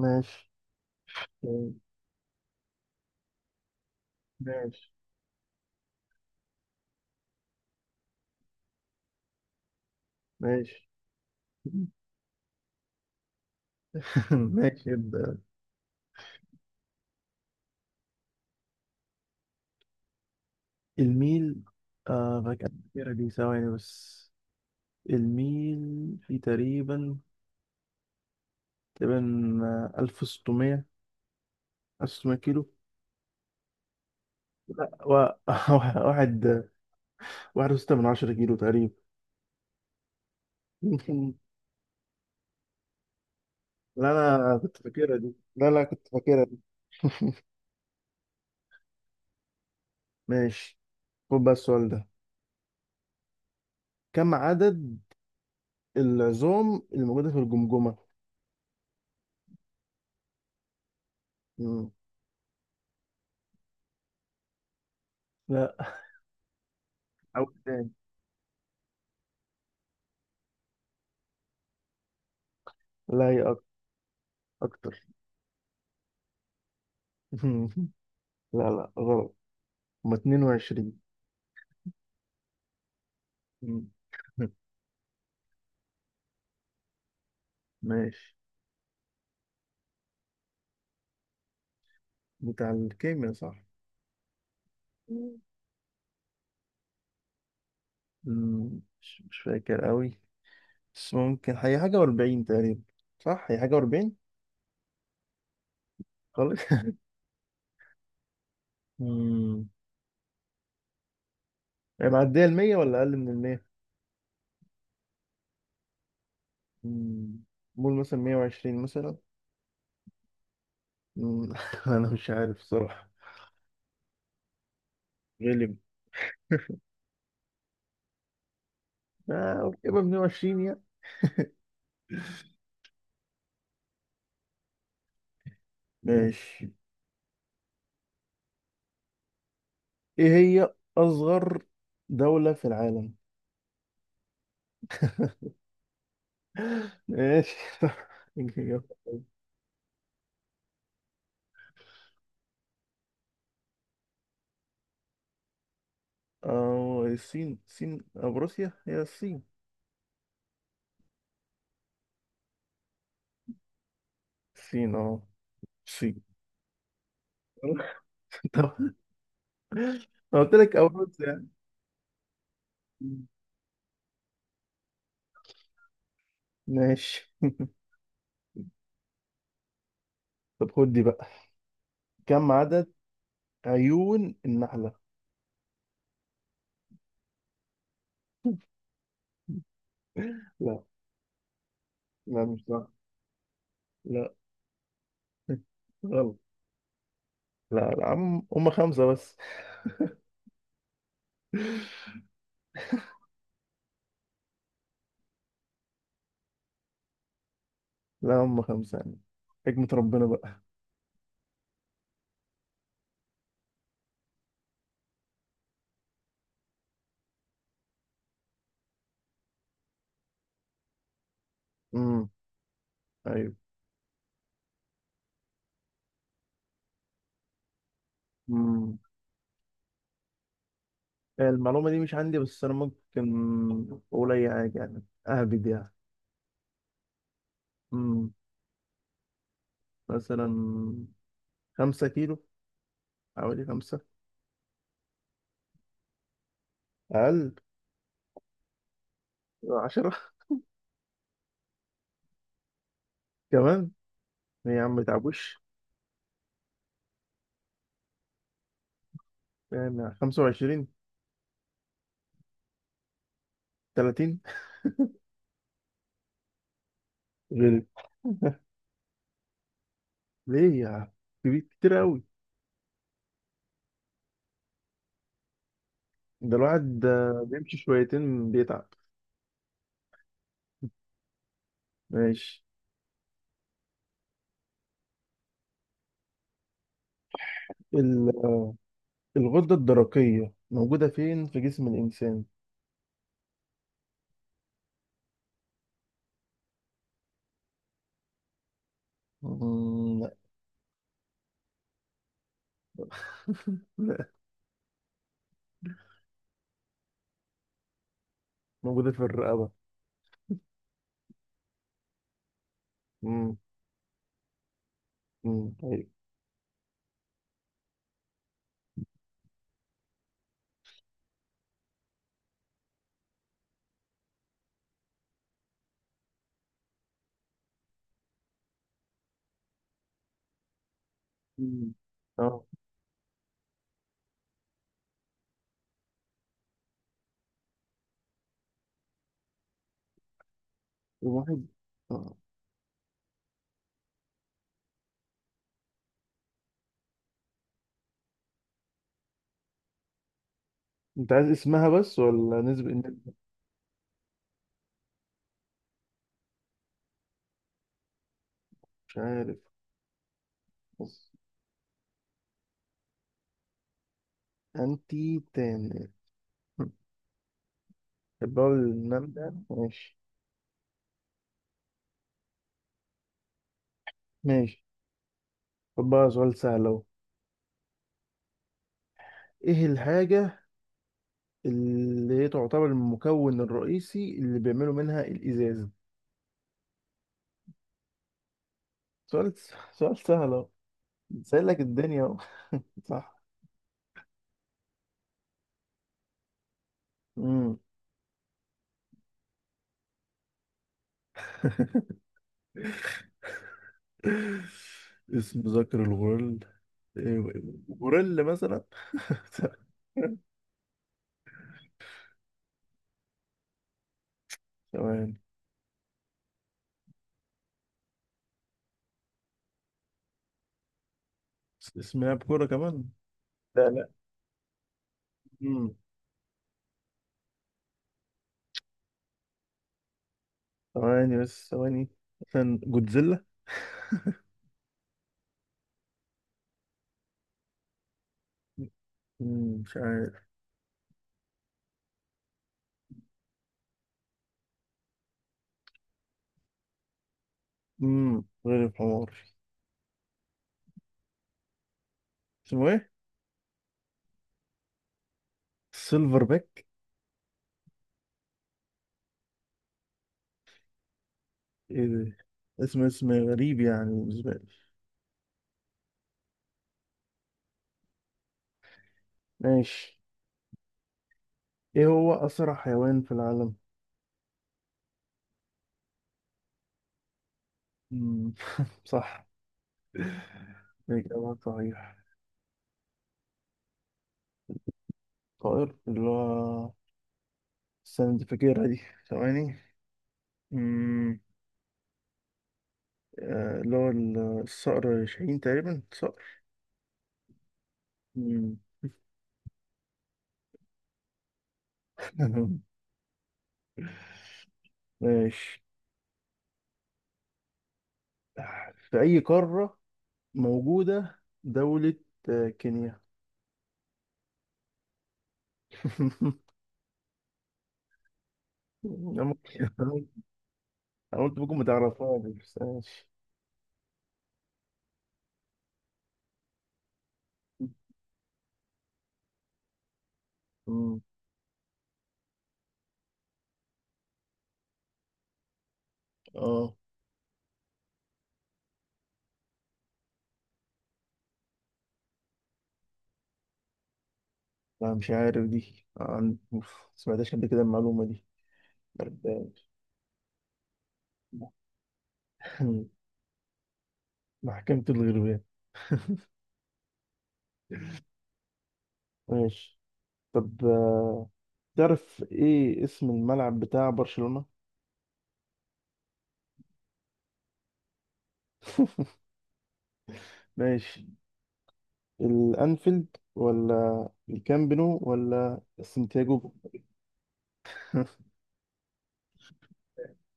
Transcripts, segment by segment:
ماشي ماشي ماشي. ماشي، يبدأ. الميل، آه، فاكر الأخيرة دي، ثواني بس. الميل في تقريبا، تقريبا آه، ألف وستمية 1600 كيلو. لا، واحد 1.6 كيلو تقريبا. لا، أنا كنت فاكرها دي، لا لا كنت فاكرها دي. ماشي، خد بقى السؤال ده. كم عدد العظام الموجودة في الجمجمة؟ مم. لا، أول تاني. لا هي أكتر. لا لا، غلط. هما 22. مم. ماشي. بتاع الكيمياء، صح؟ مم. مش فاكر قوي. بس ممكن هي حاجة و40 تقريبا. صح، هي حاجة و40. خالص. مم. هي معدية ال 100 ولا أقل من ال 100؟ قول مثلا 120 مثلا. مم، أنا مش عارف صراحة. غالب. آه، أوكي، يبقى 120 يعني. ماشي. إيه هي أصغر دولة في العالم؟ ماشي. اه، الصين او روسيا. هي الصين. الصين، الصين. طب. أنا قلت لك او روسيا يعني. ماشي، طب خد دي بقى. كم عدد عيون النحلة؟ لا لا، مش صح. لا، غلط. لا لا، هم خمسة بس. لا، هم خمسة يعني. حكمة ربنا بقى. امم ايوه. امم المعلومة دي مش عندي، بس انا ممكن اقول اي حاجة يعني. اهبد يعني. امم مثلا، 5 كيلو. حوالي خمسة. أقل. 10. كمان. ليه يا عم؟ متعبوش. يعني 25. 30. غير. ليه يا، كبير كتير أوي. ده الواحد، بيمشي شويتين بيتعب. ماشي. ال- آه، الغدة الدرقية موجودة فين في جسم الإنسان؟ مم، لا. لا. موجودة في الرقبة. مم. مم، طيب. مم. اه. الواحد، آه. انت عايز اسمها بس، ولا النسبة؟ مش عارف بس. انتي تاني. البول النم ده، ماشي. ماشي، خد بقى سؤال سهل اهو. ايه الحاجة اللي هي تعتبر المكون الرئيسي اللي بيعملوا منها الإزاز؟ سؤال سؤال سهل اهو. سهل لك الدنيا اهو. صح. امم اسم ذكر الغرل، إيه، غوريلا مثلا. ثواني. اسمها بكرة كمان. لا لا. امم ثواني بس، ثواني. مثلا جودزيلا. مش عارف. غير الحمار. اسمه ايه؟ سيلفر باك. ايه ده؟ اسم غريب يعني بالنسبة لي. ماشي. ايه هو أسرع حيوان في العالم؟ مم. صح. الإجابة صحيح. طائر اللي هو، استنى، دي فاكرها دي. ثواني. مم. اللي هو الصقر شاهين تقريبا، صقر. مم. ماشي. في أي قارة موجودة دولة كينيا؟ أنا ممكن. انا قلت ممكن ما تعرفهاش، بس ماشي. أمم، اه. لا مش عارف دي. عن، أوف، ما سمعتهاش قبل كده المعلومة دي. مرداش. محكمة الغربان. ماشي. طب تعرف ايه اسم الملعب بتاع برشلونة؟ ماشي. الانفيلد ولا الكامب نو ولا السنتياجو؟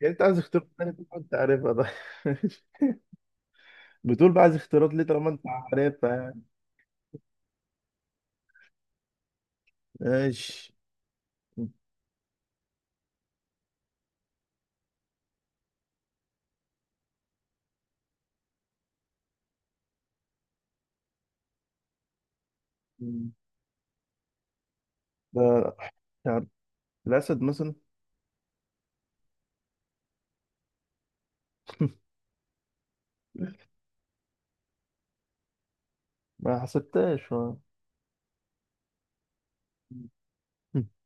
يعني انت عايز اختيارات تانية؟ طبعا انت عارفها ده. بتقول بقى عايز اختيارات ليه طالما انت عارفها يعني. ماشي. ده الاسد مثلا. ما حسبتهاش، آه.